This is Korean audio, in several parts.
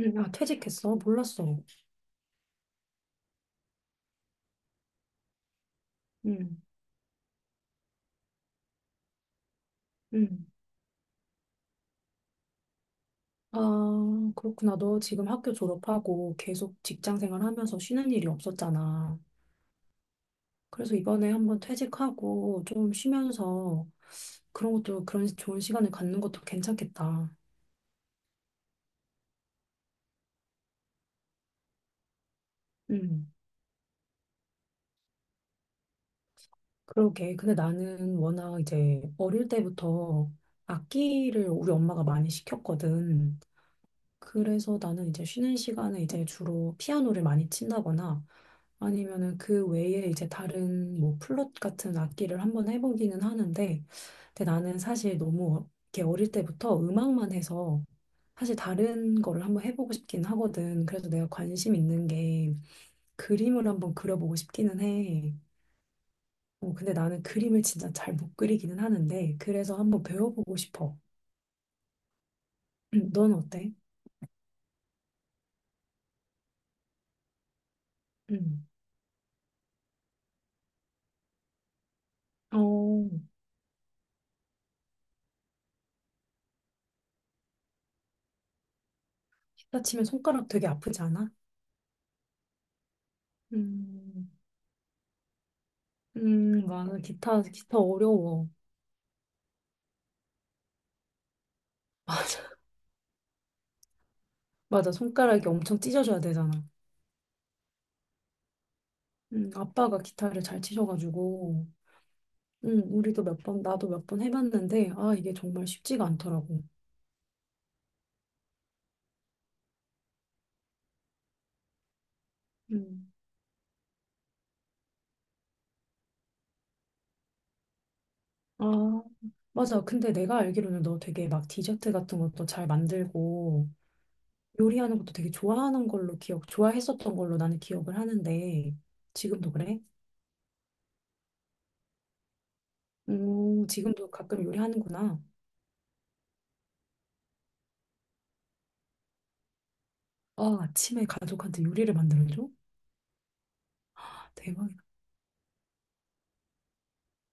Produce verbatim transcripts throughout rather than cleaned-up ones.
음, 아, 퇴직했어? 몰랐어. 음, 음. 아, 그렇구나. 너 지금 학교 졸업하고 계속 직장 생활하면서 쉬는 일이 없었잖아. 그래서 이번에 한번 퇴직하고 좀 쉬면서 그런 것도 그런 좋은 시간을 갖는 것도 괜찮겠다. 음, 그러게. 근데 나는 워낙 이제 어릴 때부터 악기를 우리 엄마가 많이 시켰거든. 그래서 나는 이제 쉬는 시간에 이제 주로 피아노를 많이 친다거나 아니면은 그 외에 이제 다른 뭐 플룻 같은 악기를 한번 해보기는 하는데 근데 나는 사실 너무 어, 이렇게 어릴 때부터 음악만 해서 사실 다른 거를 한번 해보고 싶긴 하거든. 그래서 내가 관심 있는 게 그림을 한번 그려보고 싶기는 해. 어, 근데 나는 그림을 진짜 잘 못 그리기는 하는데 그래서 한번 배워보고 싶어. 넌 어때? 음. 어, 기타 치면 손가락 되게 아프지 않아? 음, 음, 맞아. 기타, 기타 어려워. 맞아. 맞아. 손가락이 엄청 찢어져야 되잖아. 음, 아빠가 기타를 잘 치셔가지고, 음, 우리도 몇 번, 나도 몇 번 해봤는데, 아, 이게 정말 쉽지가 않더라고. 음, 아, 맞아. 근데 내가 알기로는 너 되게 막 디저트 같은 것도 잘 만들고, 요리하는 것도 되게 좋아하는 걸로 기억, 좋아했었던 걸로 나는 기억을 하는데, 지금도 그래? 오, 지금도 가끔 요리하는구나. 아, 아침에 가족한테 요리를 만들어줘? 대박이다.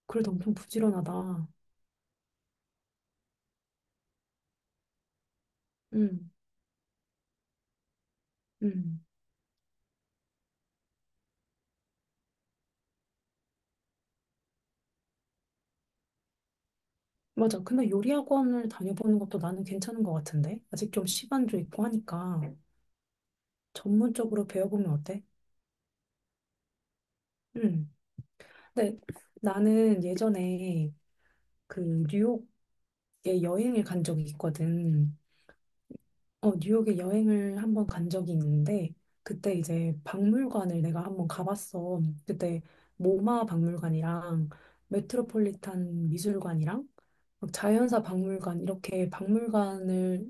그래도 엄청 부지런하다. 음, 음. 맞아. 근데 요리 학원을 다녀보는 것도 나는 괜찮은 것 같은데. 아직 좀 시간도 있고 하니까 전문적으로 배워보면 어때? 음. 근데 나는 예전에 그 뉴욕에 여행을 간 적이 있거든. 어, 뉴욕에 여행을 한번 간 적이 있는데 그때 이제 박물관을 내가 한번 가봤어. 그때 모마 박물관이랑 메트로폴리탄 미술관이랑 막 자연사 박물관 이렇게 박물관을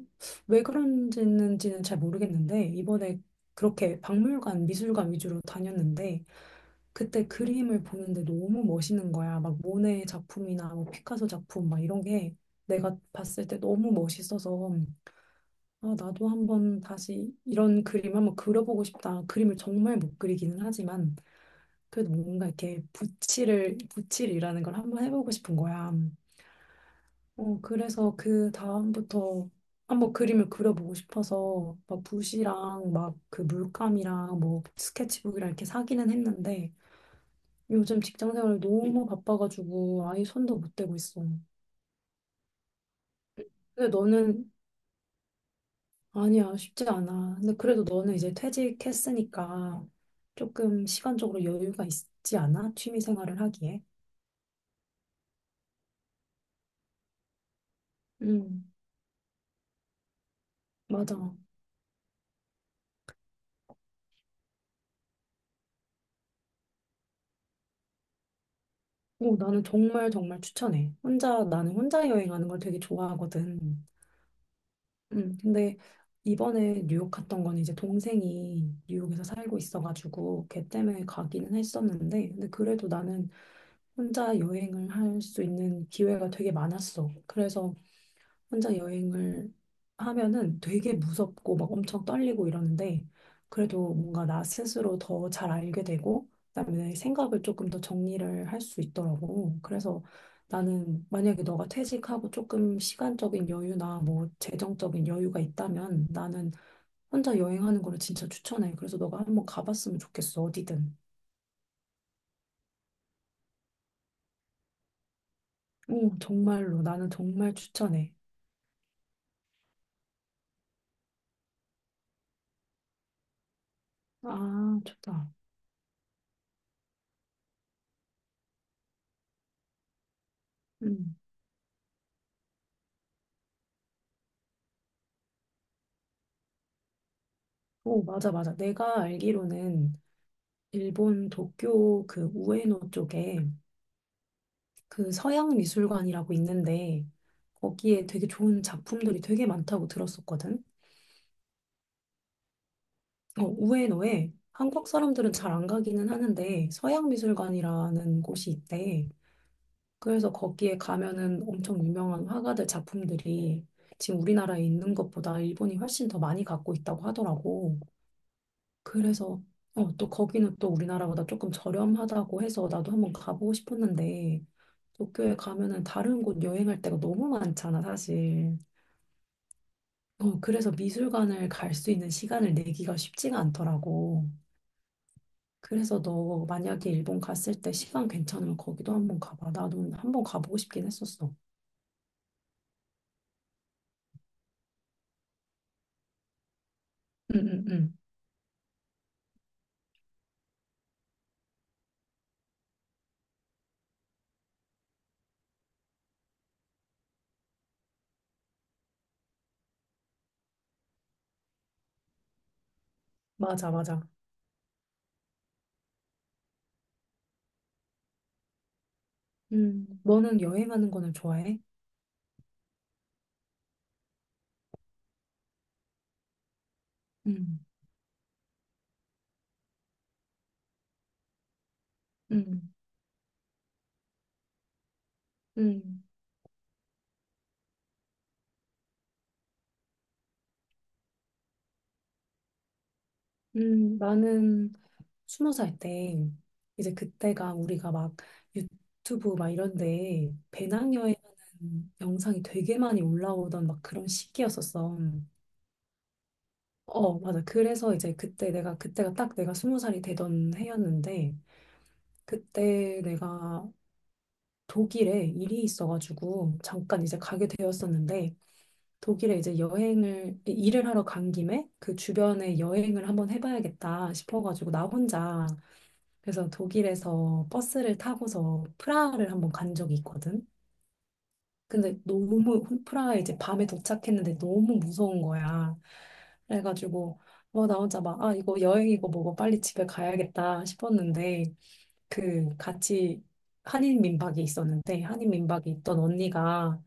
왜 그런지는 잘 모르겠는데 이번에 그렇게 박물관 미술관 위주로 다녔는데 그때 그림을 보는데 너무 멋있는 거야. 막 모네 작품이나 뭐 피카소 작품 막 이런 게 내가 봤을 때 너무 멋있어서 아, 나도 한번 다시 이런 그림 한번 그려보고 싶다. 그림을 정말 못 그리기는 하지만 그래도 뭔가 이렇게 붓질을 붓질이라는 걸 한번 해보고 싶은 거야. 어, 그래서 그 다음부터 한번 그림을 그려보고 싶어서 막 붓이랑 막 그 물감이랑 뭐 스케치북이랑 이렇게 사기는 했는데 요즘 직장 생활 너무 바빠가지고 아예 손도 못 대고 있어. 근데 너는 아니야, 쉽지 않아. 근데 그래도 너는 이제 퇴직했으니까 조금 시간적으로 여유가 있지 않아? 취미 생활을 하기에. 음, 맞아. 오, 나는 정말 정말 추천해. 혼자, 나는 혼자 여행하는 걸 되게 좋아하거든. 음, 근데 이번에 뉴욕 갔던 건 이제 동생이 뉴욕에서 살고 있어가지고 걔 때문에 가기는 했었는데 근데 그래도 나는 혼자 여행을 할 수 있는 기회가 되게 많았어. 그래서 혼자 여행을 하면은 되게 무섭고 막 엄청 떨리고 이러는데 그래도 뭔가 나 스스로 더 잘 알게 되고 그다음에 생각을 조금 더 정리를 할 수 있더라고. 그래서 나는 만약에 너가 퇴직하고 조금 시간적인 여유나 뭐 재정적인 여유가 있다면 나는 혼자 여행하는 거를 진짜 추천해. 그래서 너가 한번 가봤으면 좋겠어, 어디든. 오, 정말로. 나는 정말 추천해. 아, 좋다. 음. 오, 맞아, 맞아. 내가 알기로는 일본 도쿄 그 우에노 쪽에 그 서양 미술관이라고 있는데 거기에 되게 좋은 작품들이 되게 많다고 들었었거든. 어, 우에노에 한국 사람들은 잘 안 가기는 하는데 서양 미술관이라는 곳이 있대. 그래서 거기에 가면은 엄청 유명한 화가들 작품들이 지금 우리나라에 있는 것보다 일본이 훨씬 더 많이 갖고 있다고 하더라고. 그래서 어, 또 거기는 또 우리나라보다 조금 저렴하다고 해서 나도 한번 가보고 싶었는데 도쿄에 가면은 다른 곳 여행할 때가 너무 많잖아, 사실. 어, 그래서 미술관을 갈 수 있는 시간을 내기가 쉽지가 않더라고. 그래서 너 만약에 일본 갔을 때 시간 괜찮으면 거기도 한번 가봐. 나도 한번 가보고 싶긴 했었어. 응, 응, 응. 맞아, 맞아. 음, 너는 여행하는 거는 좋아해? 응, 응, 응, 응. 나는 스무 살 때 이제 그때가 우리가 막 유튜브 막 이런데 배낭여행 하는 영상이 되게 많이 올라오던 막 그런 시기였었어. 어, 맞아. 그래서 이제 그때 내가 그때가 딱 내가 스무 살이 되던 해였는데 그때 내가 독일에 일이 있어가지고 잠깐 이제 가게 되었었는데 독일에 이제 여행을 일을 하러 간 김에 그 주변에 여행을 한번 해봐야겠다 싶어가지고 나 혼자 그래서 독일에서 버스를 타고서 프라하를 한번 간 적이 있거든. 근데 너무 프라하에 이제 밤에 도착했는데 너무 무서운 거야. 그래가지고 뭐 나 혼자 막 아, 이거 여행이고 뭐고 빨리 집에 가야겠다 싶었는데 그 같이 한인 민박이 있었는데 한인 민박이 있던 언니가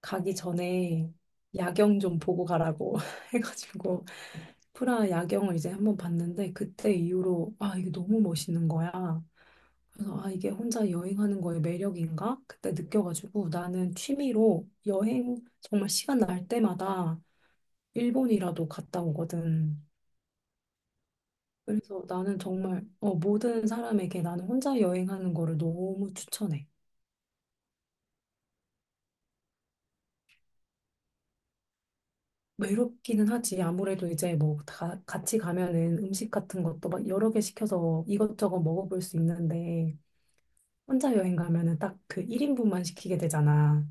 가기 전에 야경 좀 보고 가라고 해가지고 프라 야경을 이제 한번 봤는데 그때 이후로 아, 이게 너무 멋있는 거야. 그래서 아, 이게 혼자 여행하는 거의 매력인가? 그때 느껴가지고 나는 취미로 여행 정말 시간 날 때마다 일본이라도 갔다 오거든. 그래서 나는 정말 어, 모든 사람에게 나는 혼자 여행하는 거를 너무 추천해. 외롭기는 하지. 아무래도 이제 뭐 다 같이 가면은 음식 같은 것도 막 여러 개 시켜서 이것저것 먹어볼 수 있는데 혼자 여행 가면은 딱 그 일 인분만 시키게 되잖아.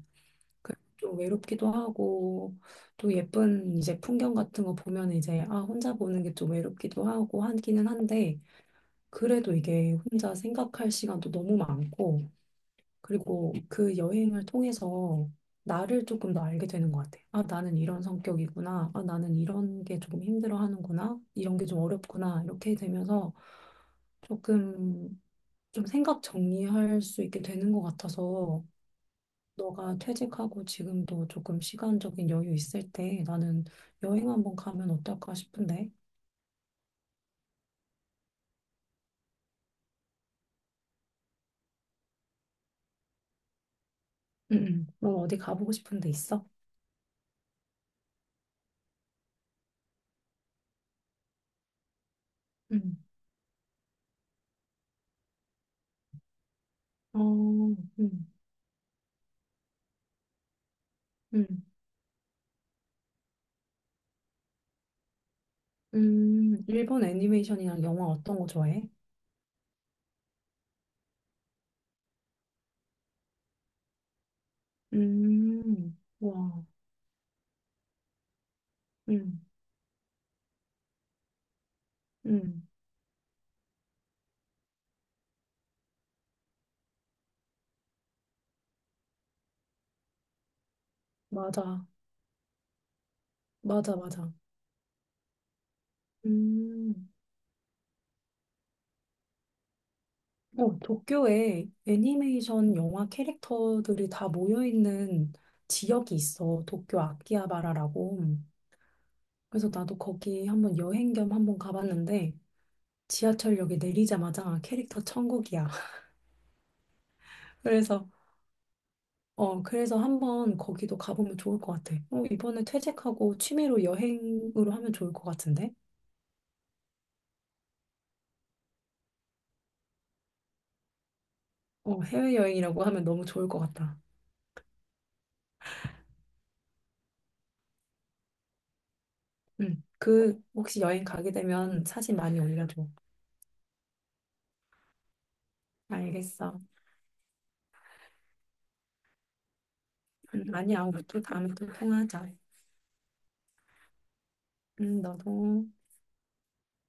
그- 좀 외롭기도 하고 또 예쁜 이제 풍경 같은 거 보면 이제 아, 혼자 보는 게 좀 외롭기도 하고 하기는 한데 그래도 이게 혼자 생각할 시간도 너무 많고 그리고 그 여행을 통해서 나를 조금 더 알게 되는 것 같아. 아, 나는 이런 성격이구나. 아, 나는 이런 게 조금 힘들어하는구나. 이런 게 좀 어렵구나. 이렇게 되면서 조금 좀 생각 정리할 수 있게 되는 것 같아서 너가 퇴직하고 지금도 조금 시간적인 여유 있을 때 나는 여행 한번 가면 어떨까 싶은데. 응, 응. 넌 어디 가보고 싶은 데 있어? 응. 어, 응, 응. 음, 일본 애니메이션이랑 영화 어떤 거 좋아해? 음, 와, 응, 응. 맞아, 맞아, 맞아. 음, 어, 도쿄에 애니메이션 영화 캐릭터들이 다 모여있는 지역이 있어. 도쿄 아키하바라라고. 그래서 나도 거기 한번 여행 겸 한번 가봤는데 지하철역에 내리자마자 캐릭터 천국이야. 그래서 어 그래서 한번 거기도 가보면 좋을 것 같아. 어, 이번에 퇴직하고 취미로 여행으로 하면 좋을 것 같은데? 어 해외여행이라고 하면 너무 좋을 것 같다. 응. 그 혹시 여행 가게 되면 사진 많이 올려줘. 알겠어. 응, 아니야. 우리 또 다음에 또 통화하자. 응, 너도.